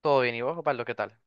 Todo bien, ¿y vos, Pablo, qué tal?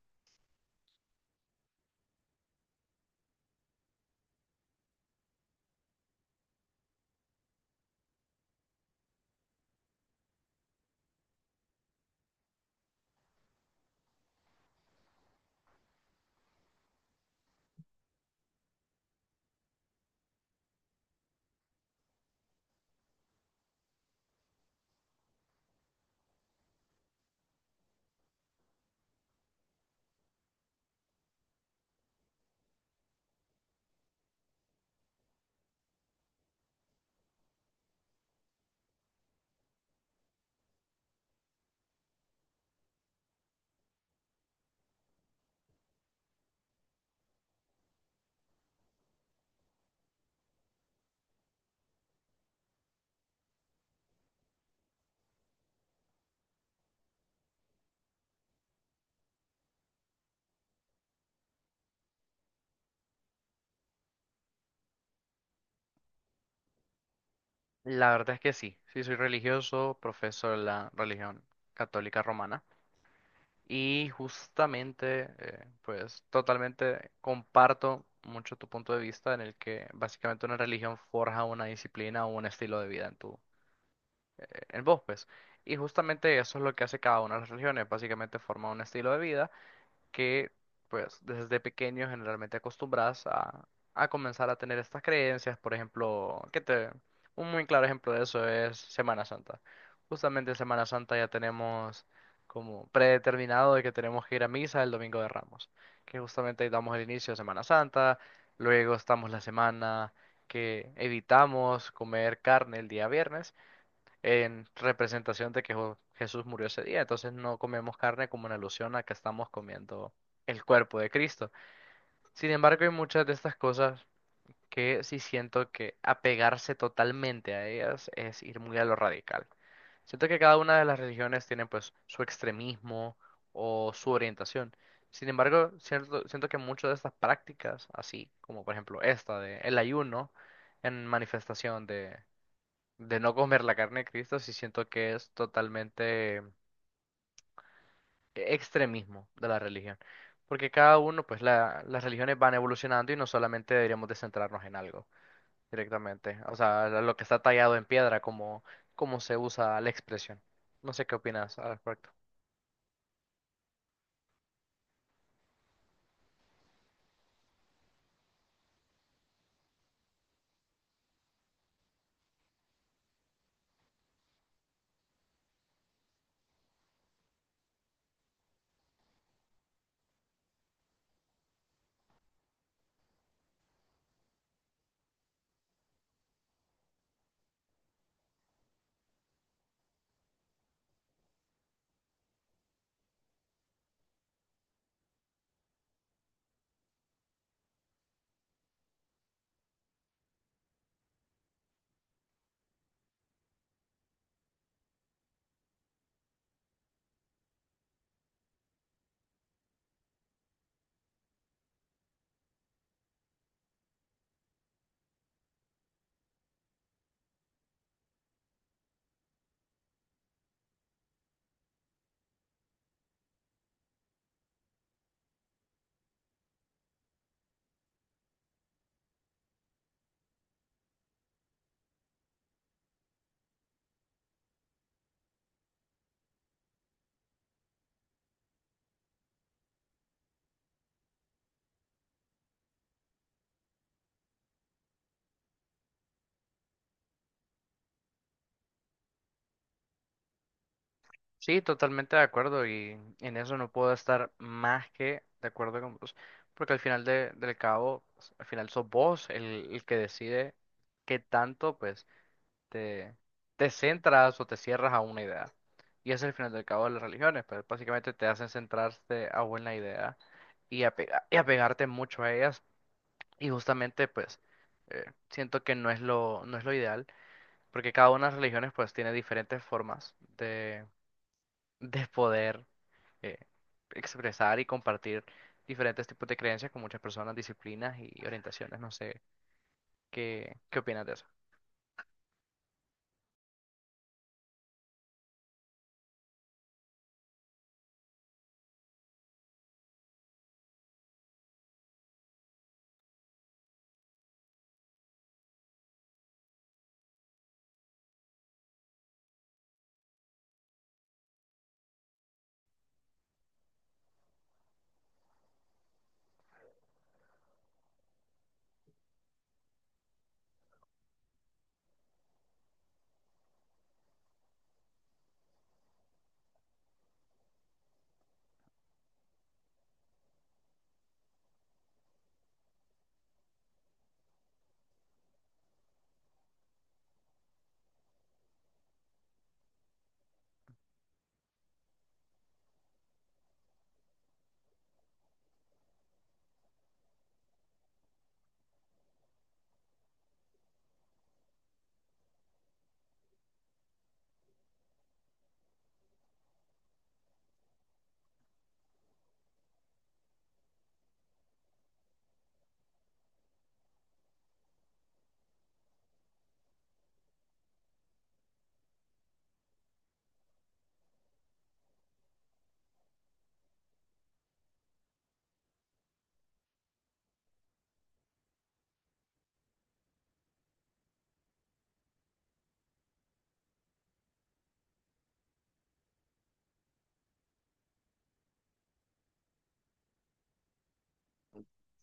La verdad es que sí, sí soy religioso, profeso de la religión católica romana y justamente, pues totalmente comparto mucho tu punto de vista en el que básicamente una religión forja una disciplina o un estilo de vida en en vos, pues. Y justamente eso es lo que hace cada una de las religiones, básicamente forma un estilo de vida que pues desde pequeño generalmente acostumbras a comenzar a tener estas creencias. Por ejemplo, un muy claro ejemplo de eso es Semana Santa. Justamente en Semana Santa ya tenemos como predeterminado de que tenemos que ir a misa el domingo de Ramos, que justamente ahí damos el inicio de Semana Santa, luego estamos la semana que evitamos comer carne el día viernes en representación de que Jesús murió ese día. Entonces no comemos carne como en alusión a que estamos comiendo el cuerpo de Cristo. Sin embargo, hay muchas de estas cosas que sí siento que apegarse totalmente a ellas es ir muy a lo radical. Siento que cada una de las religiones tiene pues su extremismo o su orientación. Sin embargo, siento que muchas de estas prácticas, así como por ejemplo esta de el ayuno en manifestación de no comer la carne de Cristo, sí siento que es totalmente extremismo de la religión. Porque cada uno, pues las religiones van evolucionando y no solamente deberíamos de centrarnos en algo directamente. O sea, lo que está tallado en piedra, como, como se usa la expresión. No sé qué opinas al respecto. Sí, totalmente de acuerdo y en eso no puedo estar más que de acuerdo con vos. Porque al final del cabo, al final sos vos el que decide qué tanto, pues te, te centras o te cierras a una idea. Y ese es el final del cabo de las religiones, pero básicamente te hacen centrarte a una idea y, y apegarte mucho a ellas. Y justamente, pues, siento que no es lo ideal, porque cada una de las religiones, pues, tiene diferentes formas de poder eh, expresar y compartir diferentes tipos de creencias con muchas personas, disciplinas y orientaciones. No sé, ¿qué opinas de eso?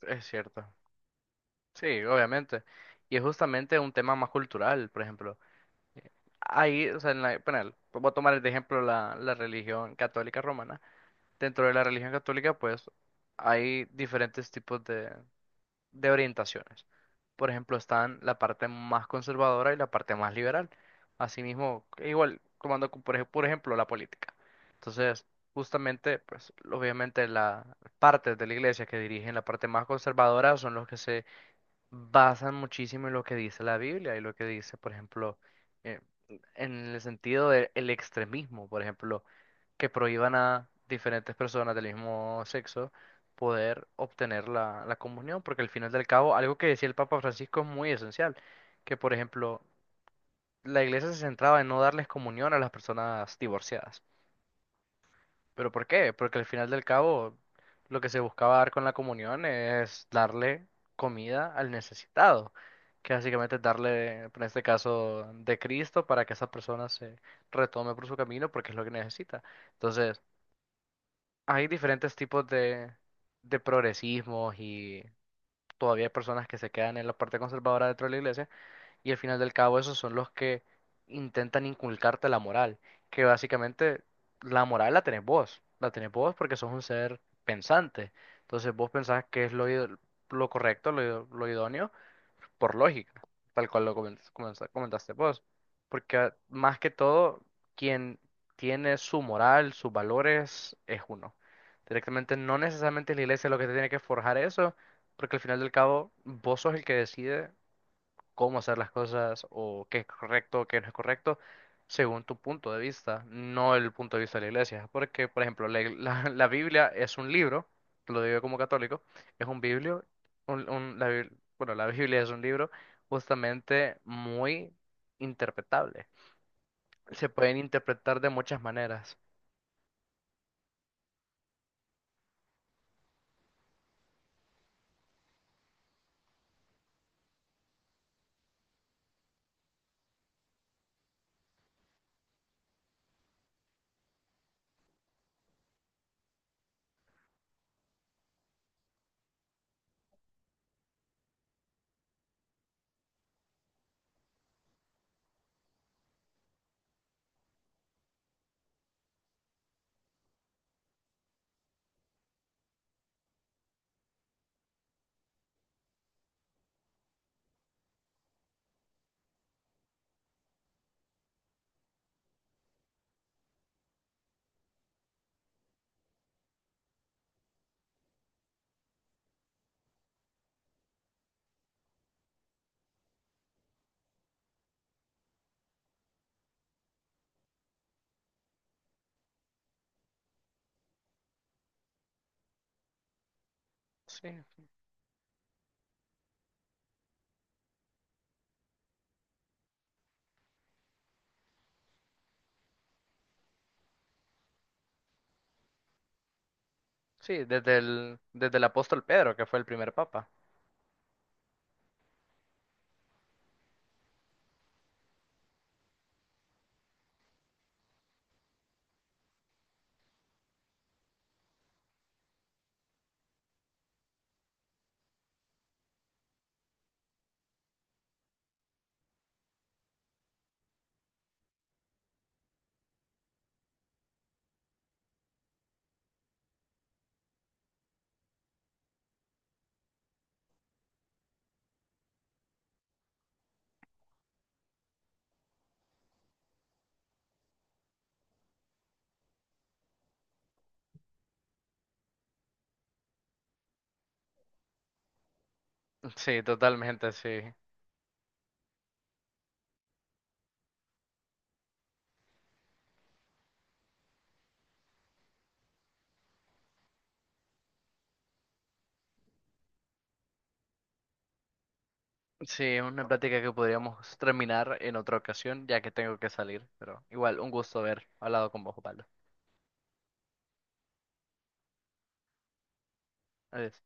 Es cierto. Sí, obviamente. Y es justamente un tema más cultural, por ejemplo. Eh, Ahí, o sea, en la, bueno, voy a tomar de ejemplo la religión católica romana. Dentro de la religión católica, pues, hay diferentes tipos de orientaciones. Por ejemplo, están la parte más conservadora y la parte más liberal. Asimismo, igual, tomando como por por ejemplo la política. Entonces, justamente, pues, obviamente las partes de la iglesia que dirigen la parte más conservadora son los que se basan muchísimo en lo que dice la Biblia y lo que dice, por ejemplo, eh, en el sentido del extremismo, por ejemplo, que prohíban a diferentes personas del mismo sexo poder obtener la comunión, porque al final del cabo, algo que decía el Papa Francisco es muy esencial, que por ejemplo, la iglesia se centraba en no darles comunión a las personas divorciadas. ¿Pero por qué? Porque al final del cabo, lo que se buscaba dar con la comunión es darle comida al necesitado, que básicamente es darle, en este caso, de Cristo para que esa persona se retome por su camino porque es lo que necesita. Entonces, hay diferentes tipos de progresismos y todavía hay personas que se quedan en la parte conservadora dentro de la iglesia y al final del cabo, esos son los que intentan inculcarte la moral, que básicamente la moral la tenés vos porque sos un ser pensante. Entonces vos pensás que es lo correcto, lo idóneo, por lógica, tal cual lo comentaste vos. Porque ah, más que todo, quien tiene su moral, sus valores, es uno. Directamente no necesariamente es la iglesia lo que te tiene que forjar eso, porque al final del cabo vos sos el que decide cómo hacer las cosas o qué es correcto, qué no es correcto, según tu punto de vista, no el punto de vista de la iglesia. Porque, por ejemplo, la Biblia es un libro, lo digo como católico, es un biblio, un- un- la Bib- bueno, la Biblia es un libro justamente muy interpretable. Se pueden interpretar de muchas maneras. Sí, sí, desde el apóstol Pedro, que fue el primer papa. Sí, totalmente, sí. Sí, es una plática que podríamos terminar en otra ocasión, ya que tengo que salir, pero igual, un gusto haber hablado con vos, Pablo. Adiós.